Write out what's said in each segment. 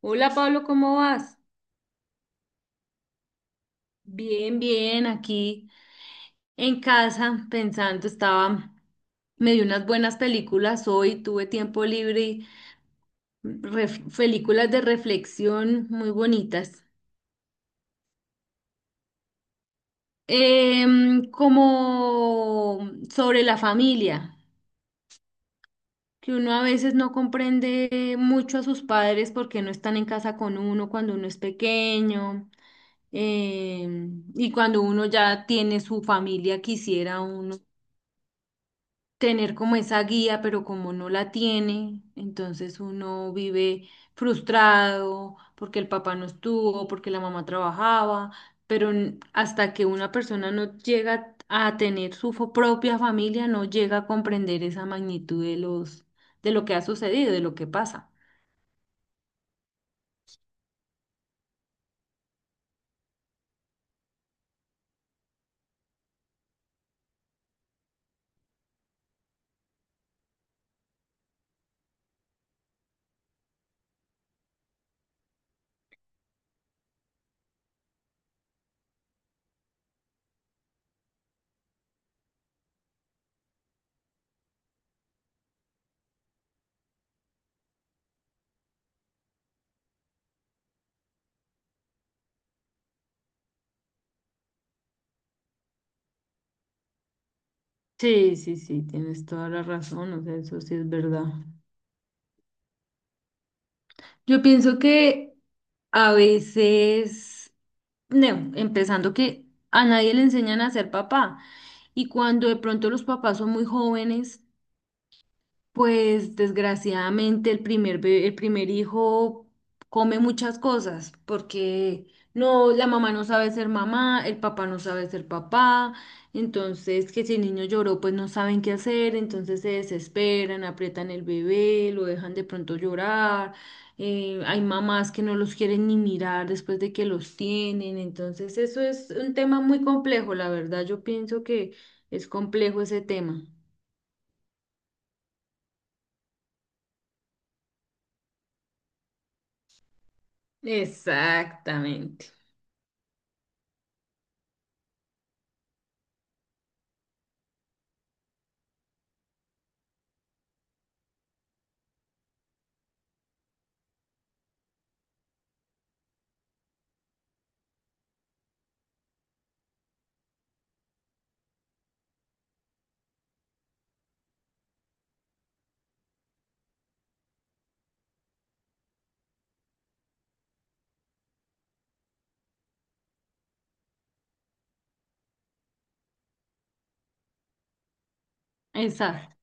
Hola Pablo, ¿cómo vas? Bien, bien, aquí en casa pensando, estaba, me di unas buenas películas hoy, tuve tiempo libre y películas de reflexión muy bonitas. Como sobre la familia, que uno a veces no comprende mucho a sus padres porque no están en casa con uno cuando uno es pequeño. Y cuando uno ya tiene su familia, quisiera uno tener como esa guía, pero como no la tiene, entonces uno vive frustrado porque el papá no estuvo, porque la mamá trabajaba, pero hasta que una persona no llega a tener su propia familia, no llega a comprender esa magnitud de lo que ha sucedido, de lo que pasa. Sí, sí, sí, tienes toda la razón, o sea, eso sí es verdad. Yo pienso que a veces, no, empezando que a nadie le enseñan a ser papá y cuando de pronto los papás son muy jóvenes, pues desgraciadamente el el primer hijo come muchas cosas porque no, la mamá no sabe ser mamá, el papá no sabe ser papá, entonces que si el niño lloró pues no saben qué hacer, entonces se desesperan, aprietan el bebé, lo dejan de pronto llorar. Hay mamás que no los quieren ni mirar después de que los tienen, entonces eso es un tema muy complejo, la verdad yo pienso que es complejo ese tema. Exactamente. Exacto,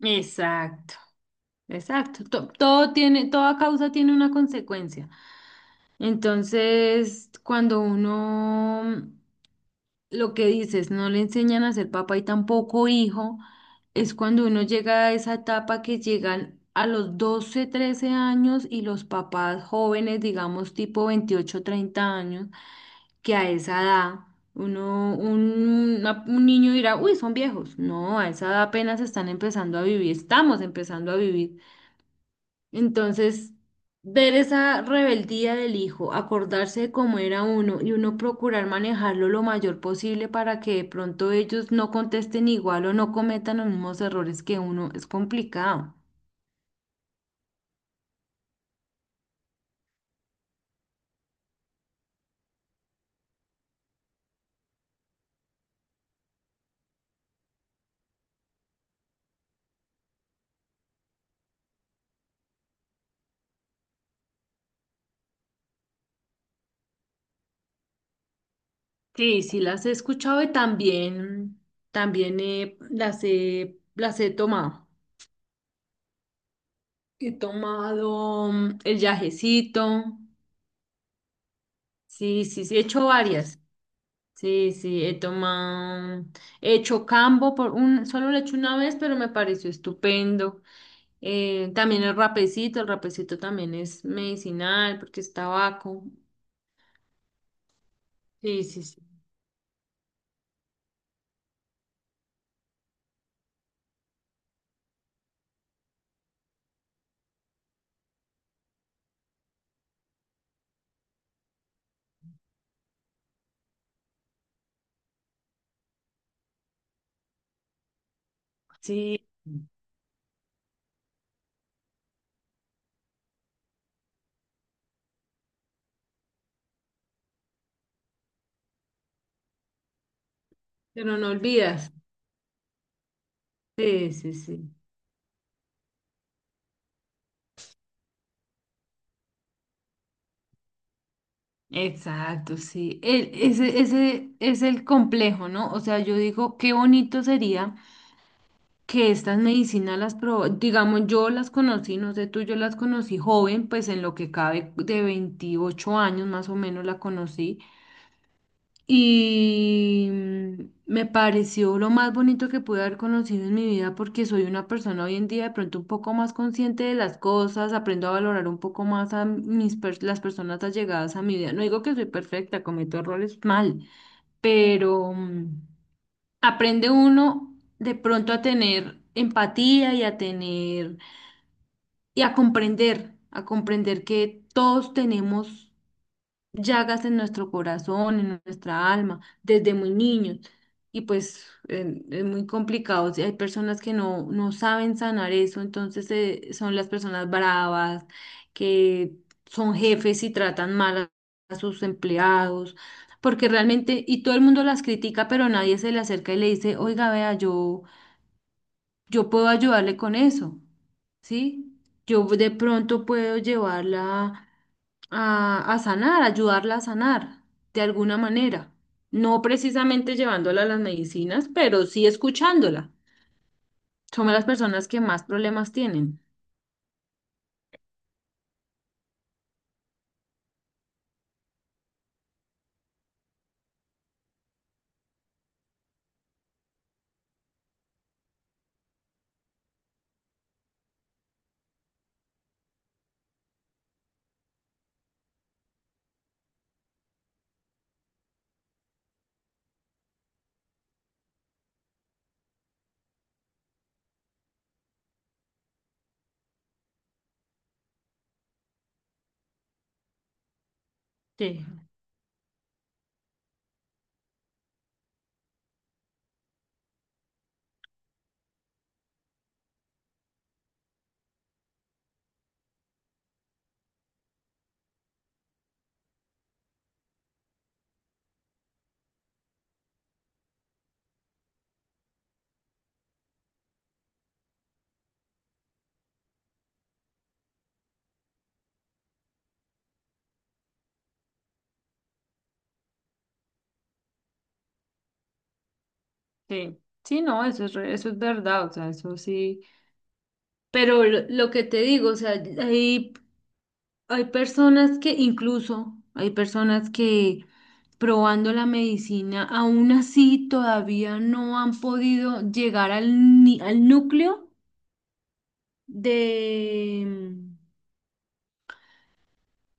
exacto, exacto. Toda causa tiene una consecuencia. Entonces, cuando uno, lo que dices, no le enseñan a ser papá y tampoco hijo, es cuando uno llega a esa etapa que llegan a los 12, 13 años y los papás jóvenes, digamos tipo 28, 30 años. Que a esa edad un niño dirá, uy, son viejos. No, a esa edad apenas están empezando a vivir, estamos empezando a vivir. Entonces, ver esa rebeldía del hijo, acordarse de cómo era uno y uno procurar manejarlo lo mayor posible para que de pronto ellos no contesten igual o no cometan los mismos errores que uno, es complicado. Sí, sí las he escuchado y también, las he tomado. He tomado el yajecito. Sí, sí, sí, he hecho varias. Sí, sí, he tomado, he hecho cambo solo lo he hecho una vez, pero me pareció estupendo. También el rapecito también es medicinal porque es tabaco. Sí, sí, sí. Sí, pero no olvidas. Sí, sí, sí. Exacto, sí. Ese es el complejo, ¿no? O sea, yo digo, qué bonito sería que estas medicinas las probó, digamos, yo las conocí, no sé tú, yo las conocí joven, pues en lo que cabe de 28 años más o menos la conocí. Y me pareció lo más bonito que pude haber conocido en mi vida porque soy una persona hoy en día de pronto un poco más consciente de las cosas, aprendo a valorar un poco más a las personas allegadas a mi vida. No digo que soy perfecta, cometo errores mal, pero aprende uno de pronto a tener empatía y a comprender que todos tenemos llagas en nuestro corazón, en nuestra alma, desde muy niños. Y pues es muy complicado. O sea, hay personas que no saben sanar eso, entonces son las personas bravas, que son jefes y tratan mal a sus empleados, porque realmente, y todo el mundo las critica, pero nadie se le acerca y le dice, oiga, vea, yo puedo ayudarle con eso, ¿sí? Yo de pronto puedo llevarla a sanar, ayudarla a sanar de alguna manera. No precisamente llevándola a las medicinas, pero sí escuchándola. Somos las personas que más problemas tienen. Sí, sí, sí, no, eso es, eso es verdad, o sea, eso sí. Pero lo que te digo, o sea, hay, hay personas que incluso, hay personas que probando la medicina, aún así todavía no han podido llegar al, ni- al núcleo de,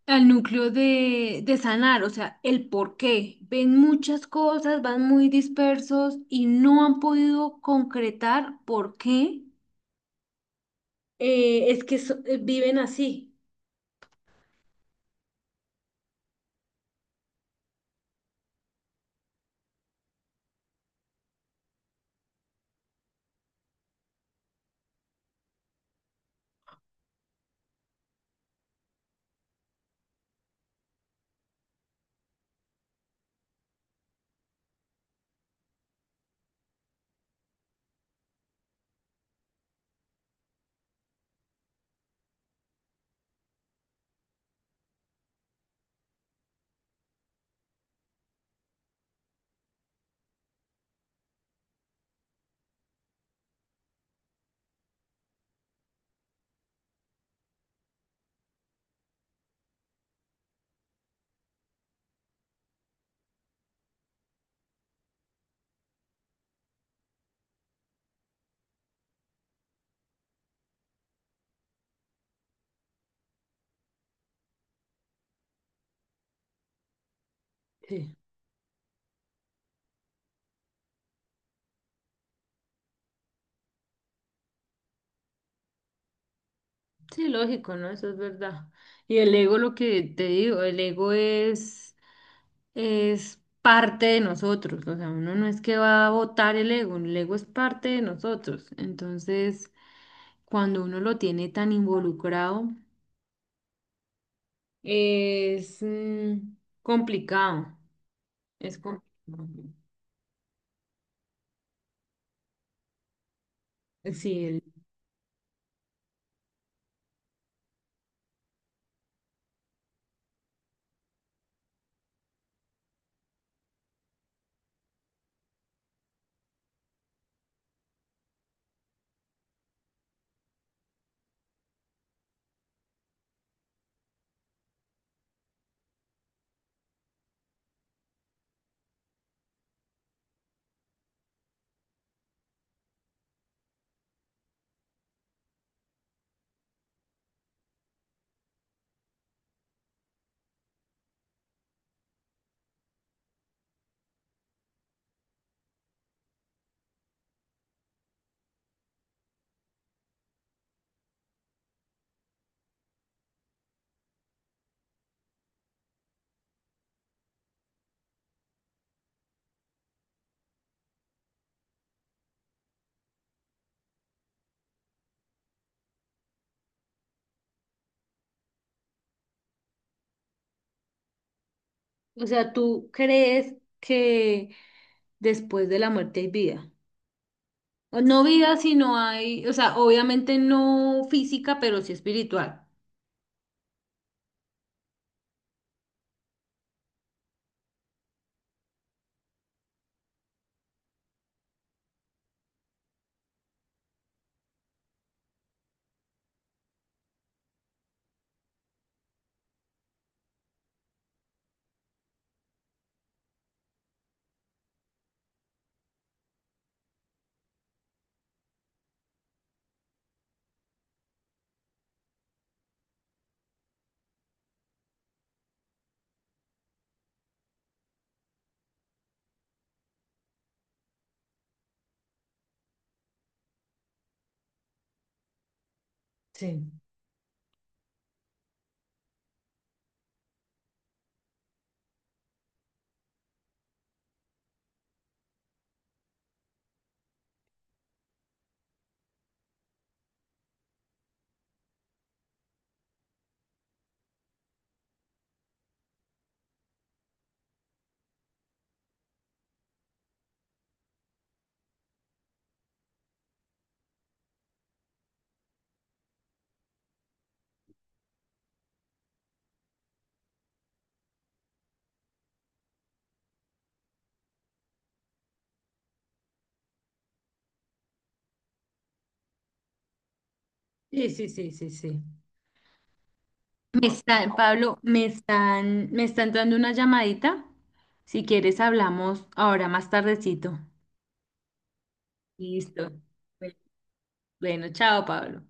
de sanar, o sea, el por qué. Ven muchas cosas, van muy dispersos y no han podido concretar por qué viven así. Sí, sí, lógico, ¿no? Eso es verdad. Y el ego, lo que te digo, el ego es parte de nosotros, o sea, uno no es que va a votar el ego es parte de nosotros. Entonces, cuando uno lo tiene tan involucrado, es complicado, es complicado. Sí, o sea, ¿tú crees que después de la muerte hay vida? O no vida, sino hay, o sea, obviamente no física, pero sí espiritual. Sí. Sí, sí, sí, sí, sí. Me están, Pablo, me está entrando una llamadita. Si quieres, hablamos ahora más tardecito. Listo. Bueno, chao, Pablo.